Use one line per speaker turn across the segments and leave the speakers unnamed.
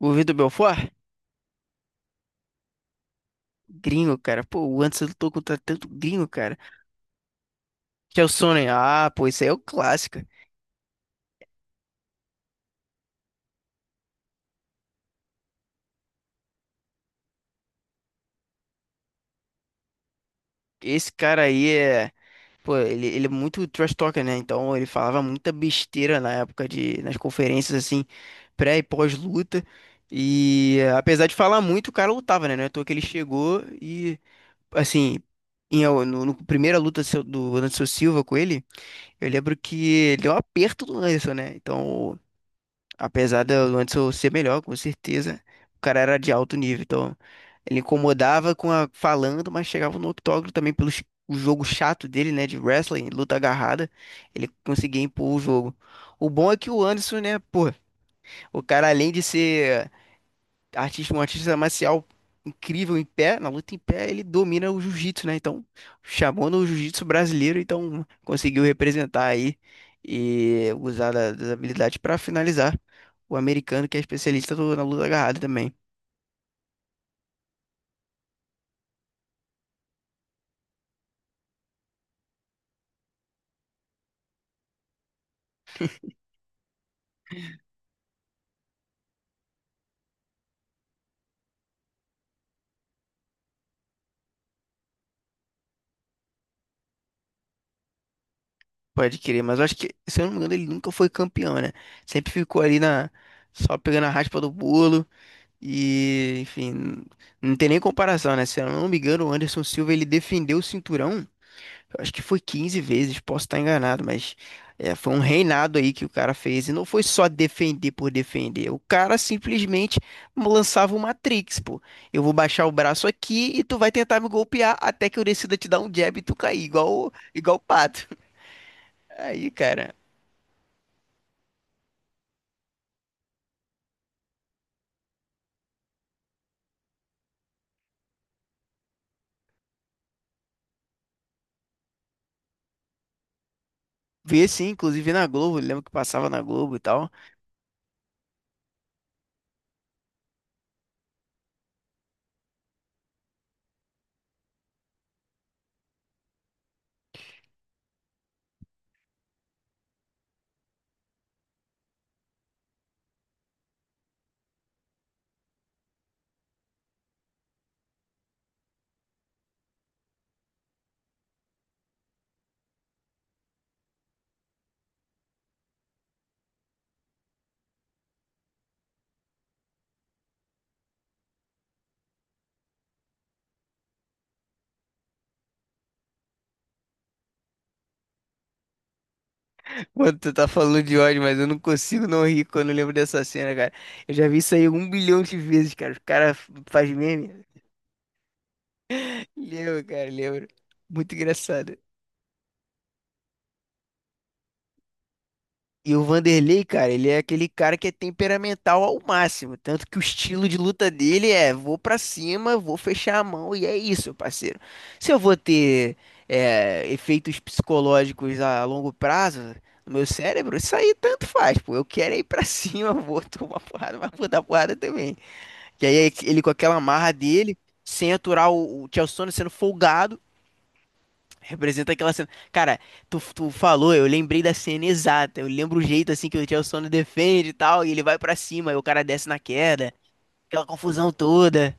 O Vitor Belfort? Gringo, cara. Pô, o Anderson lutou contra tanto gringo, cara. Chael. Ah, pô, isso aí é o clássico. Esse cara aí é. Pô, ele é muito trash talker, né? Então ele falava muita besteira na época de. Nas conferências, assim, pré e pós-luta. E apesar de falar muito, o cara lutava, né? Não é à toa que ele chegou e, assim. Em, no primeira luta seu- do Anderson Silva com ele, eu lembro que ele deu um aperto do Anderson, né? Então, apesar do Luanderson ser melhor, com certeza, o cara era de alto nível, então ele incomodava com a falando, mas chegava no octógono também pelo ch- o jogo chato dele, né, de wrestling, luta agarrada, ele conseguia impor o jogo. O bom é que o Anderson, né, pô, o cara além de ser artista, um artista marcial incrível em pé, na luta em pé, ele domina o jiu-jitsu, né? Então, chamando o jiu-jitsu brasileiro, então conseguiu representar aí e usar da- das habilidades para finalizar o americano, que é especialista do- na luta agarrada também. Pode querer, mas eu acho que, se eu não me engano, ele nunca foi campeão, né? Sempre ficou ali na só pegando a raspa do bolo e, enfim, não tem nem comparação, né? Se eu não me engano, o Anderson Silva ele defendeu o cinturão. Eu acho que foi 15 vezes, posso estar enganado, mas é, foi um reinado aí que o cara fez. E não foi só defender por defender. O cara simplesmente lançava o Matrix, pô. Eu vou baixar o braço aqui e tu vai tentar me golpear até que eu decida te dar um jab e tu cair, igual, o- igual o pato. Aí, cara. Vi assim, inclusive na Globo, lembro que passava na Globo e tal. Mano, tu tá falando de ódio, mas eu não consigo não rir quando eu lembro dessa cena, cara. Eu já vi isso aí 1 bilhão de vezes, cara. O cara faz meme. Lembro, cara, lembro. Muito engraçado. E o Vanderlei, cara, ele é aquele cara que é temperamental ao máximo. Tanto que o estilo de luta dele é: vou pra cima, vou fechar a mão, e é isso, parceiro. Se eu vou ter efeitos psicológicos a longo prazo no meu cérebro, isso aí tanto faz, pô. Eu quero é ir pra cima, vou tomar porrada, mas vou dar porrada também. Que aí é ele com aquela marra dele, sem aturar o Chael Sonnen sendo folgado. Representa aquela cena. Cara, tu falou, eu lembrei da cena exata. Eu lembro o jeito assim que o Chelsea defende e tal, e ele vai pra cima, e o cara desce na queda, aquela confusão toda.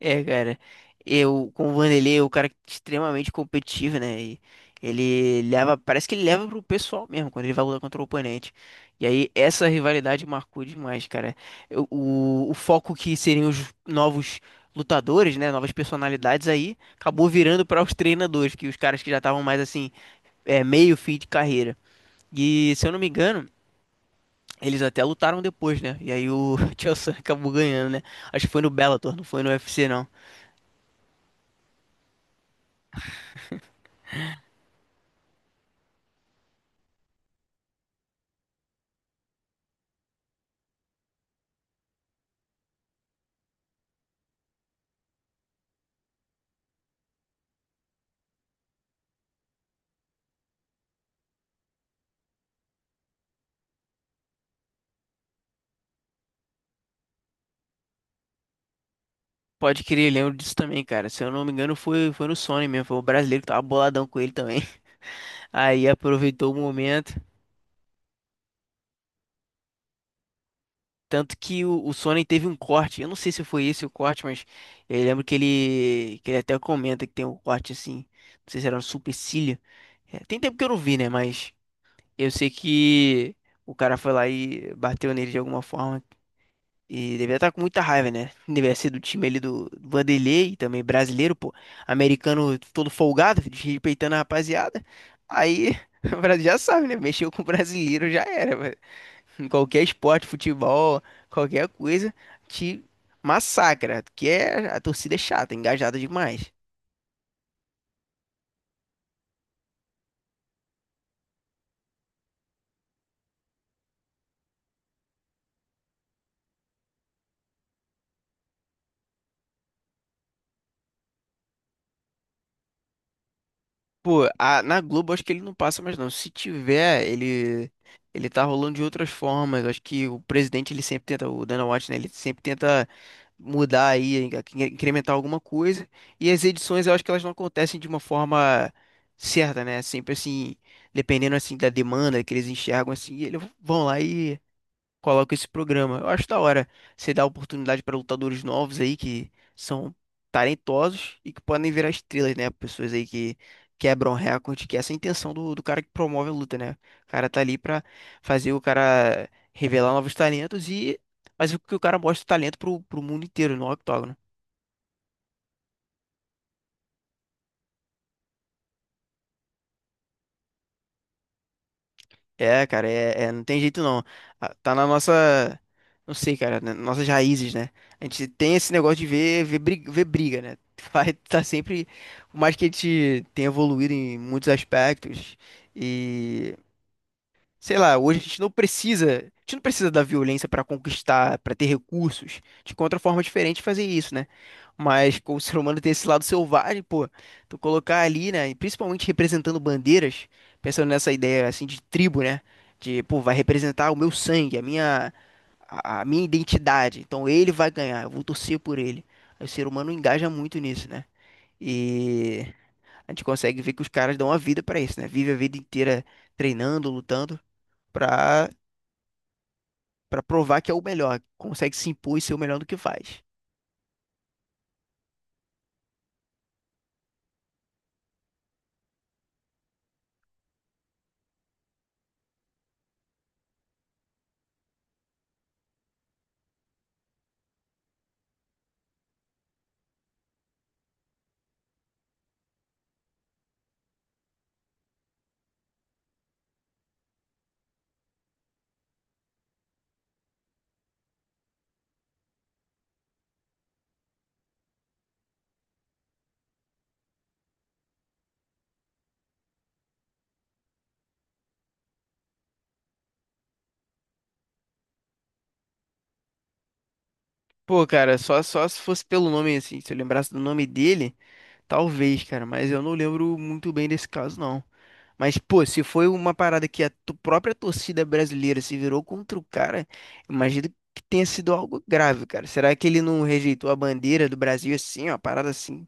É, cara, eu com o Vanderlei, é o cara extremamente competitivo, né? E ele leva, parece que ele leva pro pessoal mesmo quando ele vai lutar contra o oponente. E aí essa rivalidade marcou demais, cara. Eu- o foco que seriam os novos lutadores, né? Novas personalidades aí, acabou virando para os treinadores, que os caras que já estavam mais assim, é, meio fim de carreira. E se eu não me engano, eles até lutaram depois, né? E aí o Tio Sam acabou ganhando, né? Acho que foi no Bellator, não foi no UFC, não. Pode querer lembro disso também, cara. Se eu não me engano, foi no Sony mesmo. Foi o brasileiro que tava boladão com ele também. Aí aproveitou o momento. Tanto que o Sony teve um corte. Eu não sei se foi esse o corte, mas eu lembro que ele até comenta que tem um corte assim. Não sei se era no supercílio. É, tem tempo que eu não vi, né? Mas eu sei que o cara foi lá e bateu nele de alguma forma. E devia estar com muita raiva, né? Devia ser do time ali do Vanderlei, também brasileiro, pô. Americano todo folgado, desrespeitando a rapaziada. Aí, o Brasil já sabe, né? Mexeu com o brasileiro já era, velho. Em qualquer esporte, futebol, qualquer coisa, te massacra. Que é, a torcida é chata, engajada demais. Pô, a- na Globo acho que ele não passa mais não. Se tiver, ele tá rolando de outras formas. Acho que o presidente ele sempre tenta, o Dana White, né, ele sempre tenta mudar aí, in- incrementar alguma coisa. E as edições eu acho que elas não acontecem de uma forma certa, né? Sempre assim, dependendo assim da demanda que eles enxergam assim, eles vão lá coloca esse programa. Eu acho da hora você dar oportunidade para lutadores novos aí que são talentosos e que podem virar estrelas, né? Pessoas aí que quebram recorde, que essa é a intenção do cara que promove a luta, né? O cara tá ali pra fazer o cara revelar novos talentos e mas o que o cara mostra o talento pro mundo inteiro no octógono. É, cara, é, é- não tem jeito não. Ah, tá na nossa, não sei, cara, nas nossas raízes, né? A gente tem esse negócio de ver, ver briga, né? Vai tá sempre, por mais que a gente tenha evoluído em muitos aspectos e sei lá, hoje a gente não precisa, a gente não precisa da violência para conquistar, para ter recursos. A gente encontra forma diferente de fazer isso, né? Mas com o ser humano tem esse lado selvagem, pô, tu colocar ali, né, e principalmente representando bandeiras, pensando nessa ideia assim de tribo, né? De, pô, vai representar o meu sangue, a minha a minha identidade. Então ele vai ganhar, eu vou torcer por ele. Aí o ser humano engaja muito nisso, né? E a gente consegue ver que os caras dão a vida pra isso, né? Vive a vida inteira treinando, lutando pra, pra provar que é o melhor, consegue se impor e ser o melhor do que faz. Pô, cara, só se fosse pelo nome, assim, se eu lembrasse do nome dele, talvez, cara, mas eu não lembro muito bem desse caso, não. Mas, pô, se foi uma parada que a tu- própria torcida brasileira se virou contra o cara, imagino que tenha sido algo grave, cara. Será que ele não rejeitou a bandeira do Brasil assim, ó, parada assim?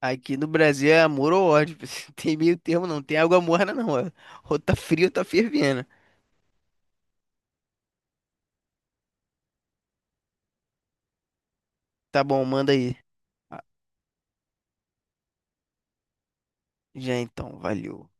Aqui no Brasil é amor ou ódio, não tem meio termo, não tem água morna, não, ó. Ou tá frio ou tá fervendo. Tá bom, manda aí. Já então, valeu.